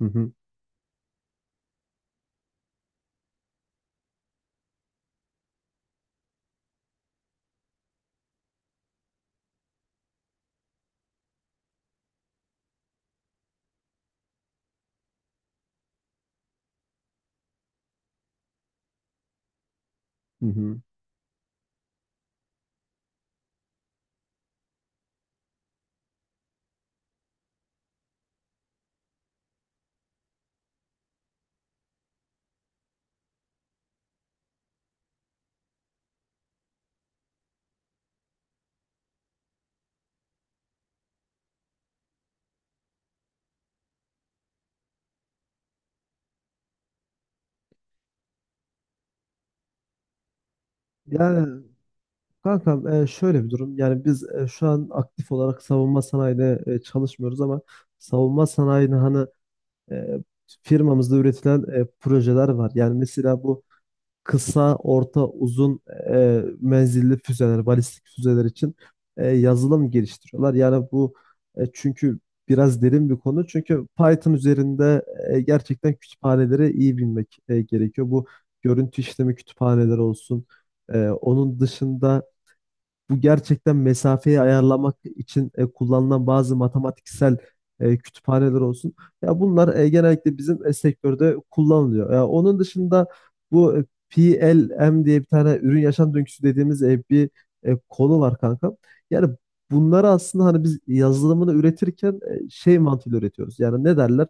Hı hı. Hı hı. Yani kankam, şöyle bir durum. Yani biz şu an aktif olarak savunma sanayide çalışmıyoruz, ama savunma sanayinin e, firmamızda üretilen projeler var. Yani mesela bu kısa, orta, uzun menzilli füzeler, balistik füzeler için yazılım geliştiriyorlar. Çünkü biraz derin bir konu. Çünkü Python üzerinde gerçekten kütüphaneleri iyi bilmek gerekiyor. Bu görüntü işleme kütüphaneleri olsun. E, onun dışında bu gerçekten mesafeyi ayarlamak için kullanılan bazı matematiksel kütüphaneler olsun. Ya bunlar genellikle bizim sektörde kullanılıyor. Ya onun dışında bu PLM diye bir tane ürün yaşam döngüsü dediğimiz bir konu var, kanka. Yani bunları aslında hani biz yazılımını üretirken şey mantığıyla üretiyoruz. Yani ne derler?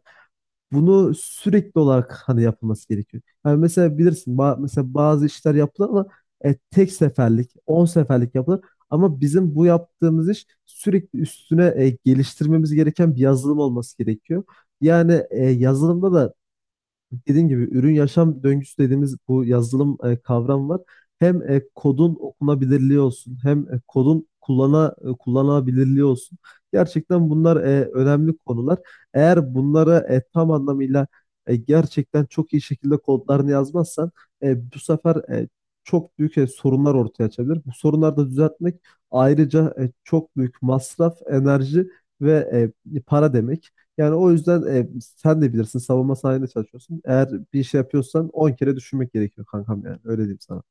Bunu sürekli olarak hani yapılması gerekiyor. Yani mesela bilirsin mesela bazı işler yapılır, ama tek seferlik, 10 seferlik yapılır. Ama bizim bu yaptığımız iş sürekli üstüne geliştirmemiz gereken bir yazılım olması gerekiyor. Yani yazılımda da dediğim gibi ürün yaşam döngüsü dediğimiz bu yazılım kavram var. Hem kodun okunabilirliği olsun, hem kodun kullanılabilirliği olsun. Gerçekten bunlar önemli konular. Eğer bunları tam anlamıyla gerçekten çok iyi şekilde kodlarını yazmazsan, bu sefer çok büyük sorunlar ortaya açabilir. Bu sorunları da düzeltmek ayrıca çok büyük masraf, enerji ve para demek. Yani o yüzden, sen de bilirsin, savunma sanayinde çalışıyorsun. Eğer bir şey yapıyorsan 10 kere düşünmek gerekiyor, kankam, yani öyle diyeyim sana.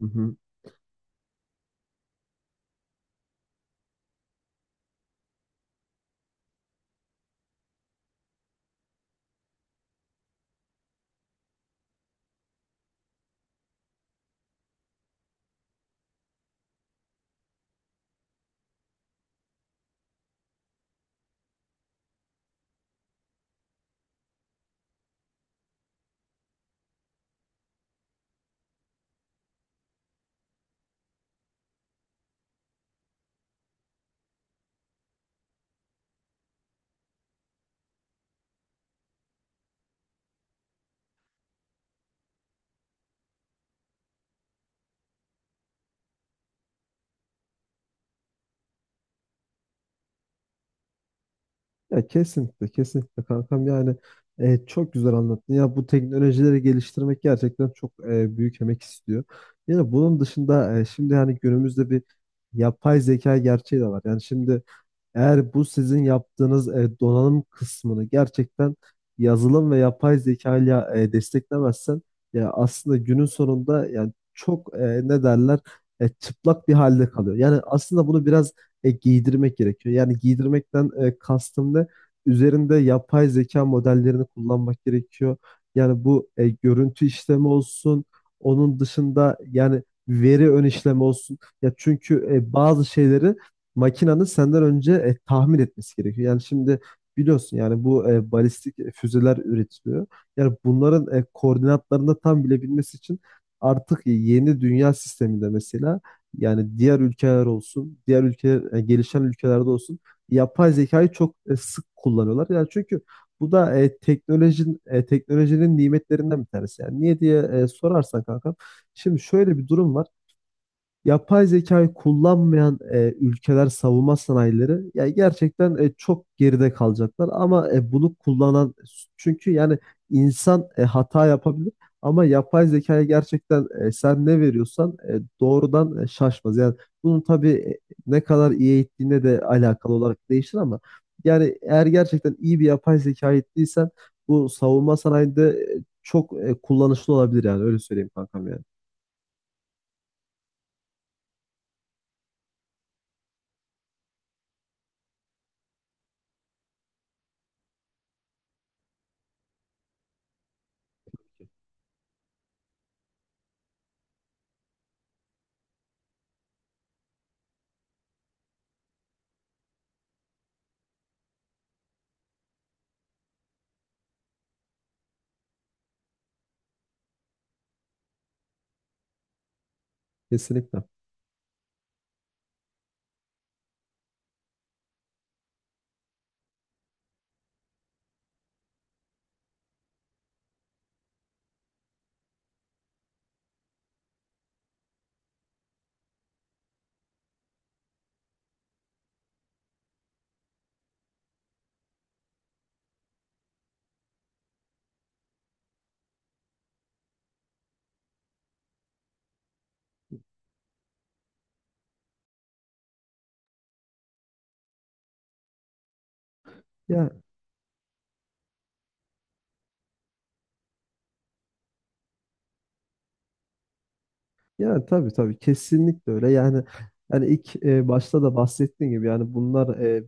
Hı hı. Ya, kesinlikle kesinlikle kankam, çok güzel anlattın. Ya bu teknolojileri geliştirmek gerçekten çok büyük emek istiyor. Yani bunun dışında şimdi yani günümüzde bir yapay zeka gerçeği de var. Yani şimdi eğer bu sizin yaptığınız donanım kısmını gerçekten yazılım ve yapay zeka ile desteklemezsen, ya aslında günün sonunda yani çok, ne derler, çıplak bir halde kalıyor. Yani aslında bunu biraz giydirmek gerekiyor. Yani giydirmekten kastım ne? Üzerinde yapay zeka modellerini kullanmak gerekiyor. Yani bu görüntü işlemi olsun. Onun dışında yani veri ön işlemi olsun. Ya çünkü bazı şeyleri makinanın senden önce tahmin etmesi gerekiyor. Yani şimdi biliyorsun yani bu balistik füzeler üretiliyor. Yani bunların koordinatlarını da tam bilebilmesi için artık yeni dünya sisteminde mesela yani diğer ülkeler olsun, diğer ülke gelişen ülkelerde olsun yapay zekayı çok sık kullanıyorlar. Yani çünkü bu da teknolojinin nimetlerinden bir tanesi. Yani niye diye sorarsan, kanka. Şimdi şöyle bir durum var: yapay zekayı kullanmayan ülkeler, savunma sanayileri ya gerçekten çok geride kalacaklar, ama bunu kullanan, çünkü yani insan hata yapabilir, ama yapay zekaya gerçekten, sen ne veriyorsan doğrudan, şaşmaz. Yani bunun tabii ne kadar iyi eğittiğine de alakalı olarak değişir, ama yani eğer gerçekten iyi bir yapay zeka eğittiysen bu savunma sanayinde çok kullanışlı olabilir, yani öyle söyleyeyim kankam, yani. Kesinlikle. Ya Yani tabii tabii kesinlikle öyle. Yani hani ilk başta da bahsettiğim gibi yani bunlar,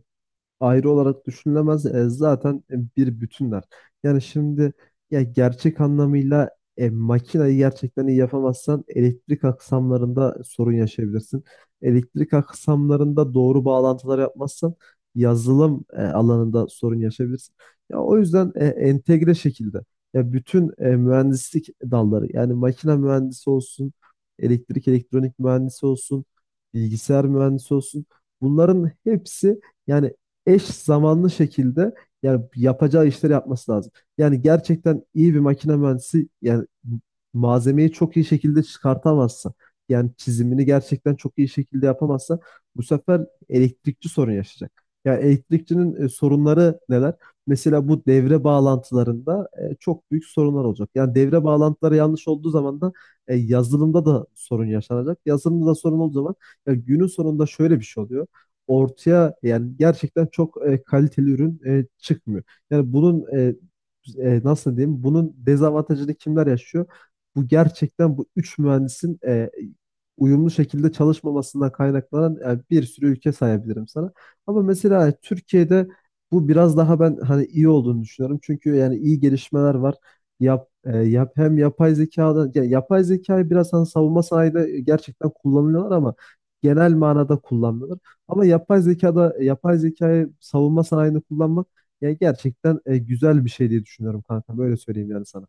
ayrı olarak düşünülemez. Zaten bir bütünler. Yani şimdi ya gerçek anlamıyla makinayı gerçekten iyi yapamazsan, elektrik aksamlarında sorun yaşayabilirsin. Elektrik aksamlarında doğru bağlantılar yapmazsan, yazılım alanında sorun yaşayabilirsin. Ya o yüzden entegre şekilde, ya bütün mühendislik dalları, yani makine mühendisi olsun, elektrik elektronik mühendisi olsun, bilgisayar mühendisi olsun, bunların hepsi yani eş zamanlı şekilde yani yapacağı işleri yapması lazım. Yani gerçekten iyi bir makine mühendisi, yani malzemeyi çok iyi şekilde çıkartamazsa, yani çizimini gerçekten çok iyi şekilde yapamazsa, bu sefer elektrikçi sorun yaşayacak. Yani elektrikçinin sorunları neler? Mesela bu devre bağlantılarında çok büyük sorunlar olacak. Yani devre bağlantıları yanlış olduğu zaman da yazılımda da sorun yaşanacak. Yazılımda da sorun olduğu zaman, ya günün sonunda şöyle bir şey oluyor: ortaya yani gerçekten çok kaliteli ürün çıkmıyor. Yani bunun nasıl diyeyim? Bunun dezavantajını kimler yaşıyor? Bu gerçekten bu üç mühendisin uyumlu şekilde çalışmamasından kaynaklanan, yani bir sürü ülke sayabilirim sana. Ama mesela Türkiye'de bu biraz daha ben hani iyi olduğunu düşünüyorum. Çünkü yani iyi gelişmeler var. Yap, e, yap hem yapay zekadan yani yapay zekayı biraz hani savunma sanayide gerçekten kullanıyorlar, ama genel manada kullanmıyorlar. Ama yapay zekayı savunma sanayinde kullanmak yani gerçekten güzel bir şey diye düşünüyorum, kanka. Böyle söyleyeyim yani sana.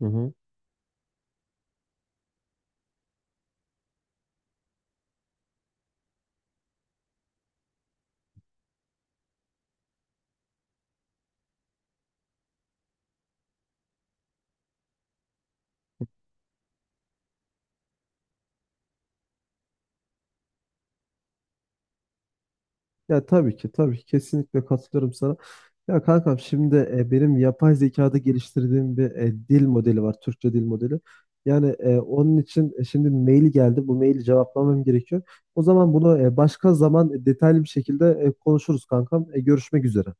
Hı hı. Ya tabii ki tabii ki kesinlikle katılıyorum sana. Ya kankam, şimdi benim yapay zekada geliştirdiğim bir dil modeli var. Türkçe dil modeli. Yani onun için şimdi mail geldi. Bu maili cevaplamam gerekiyor. O zaman bunu başka zaman detaylı bir şekilde konuşuruz kankam. Görüşmek üzere.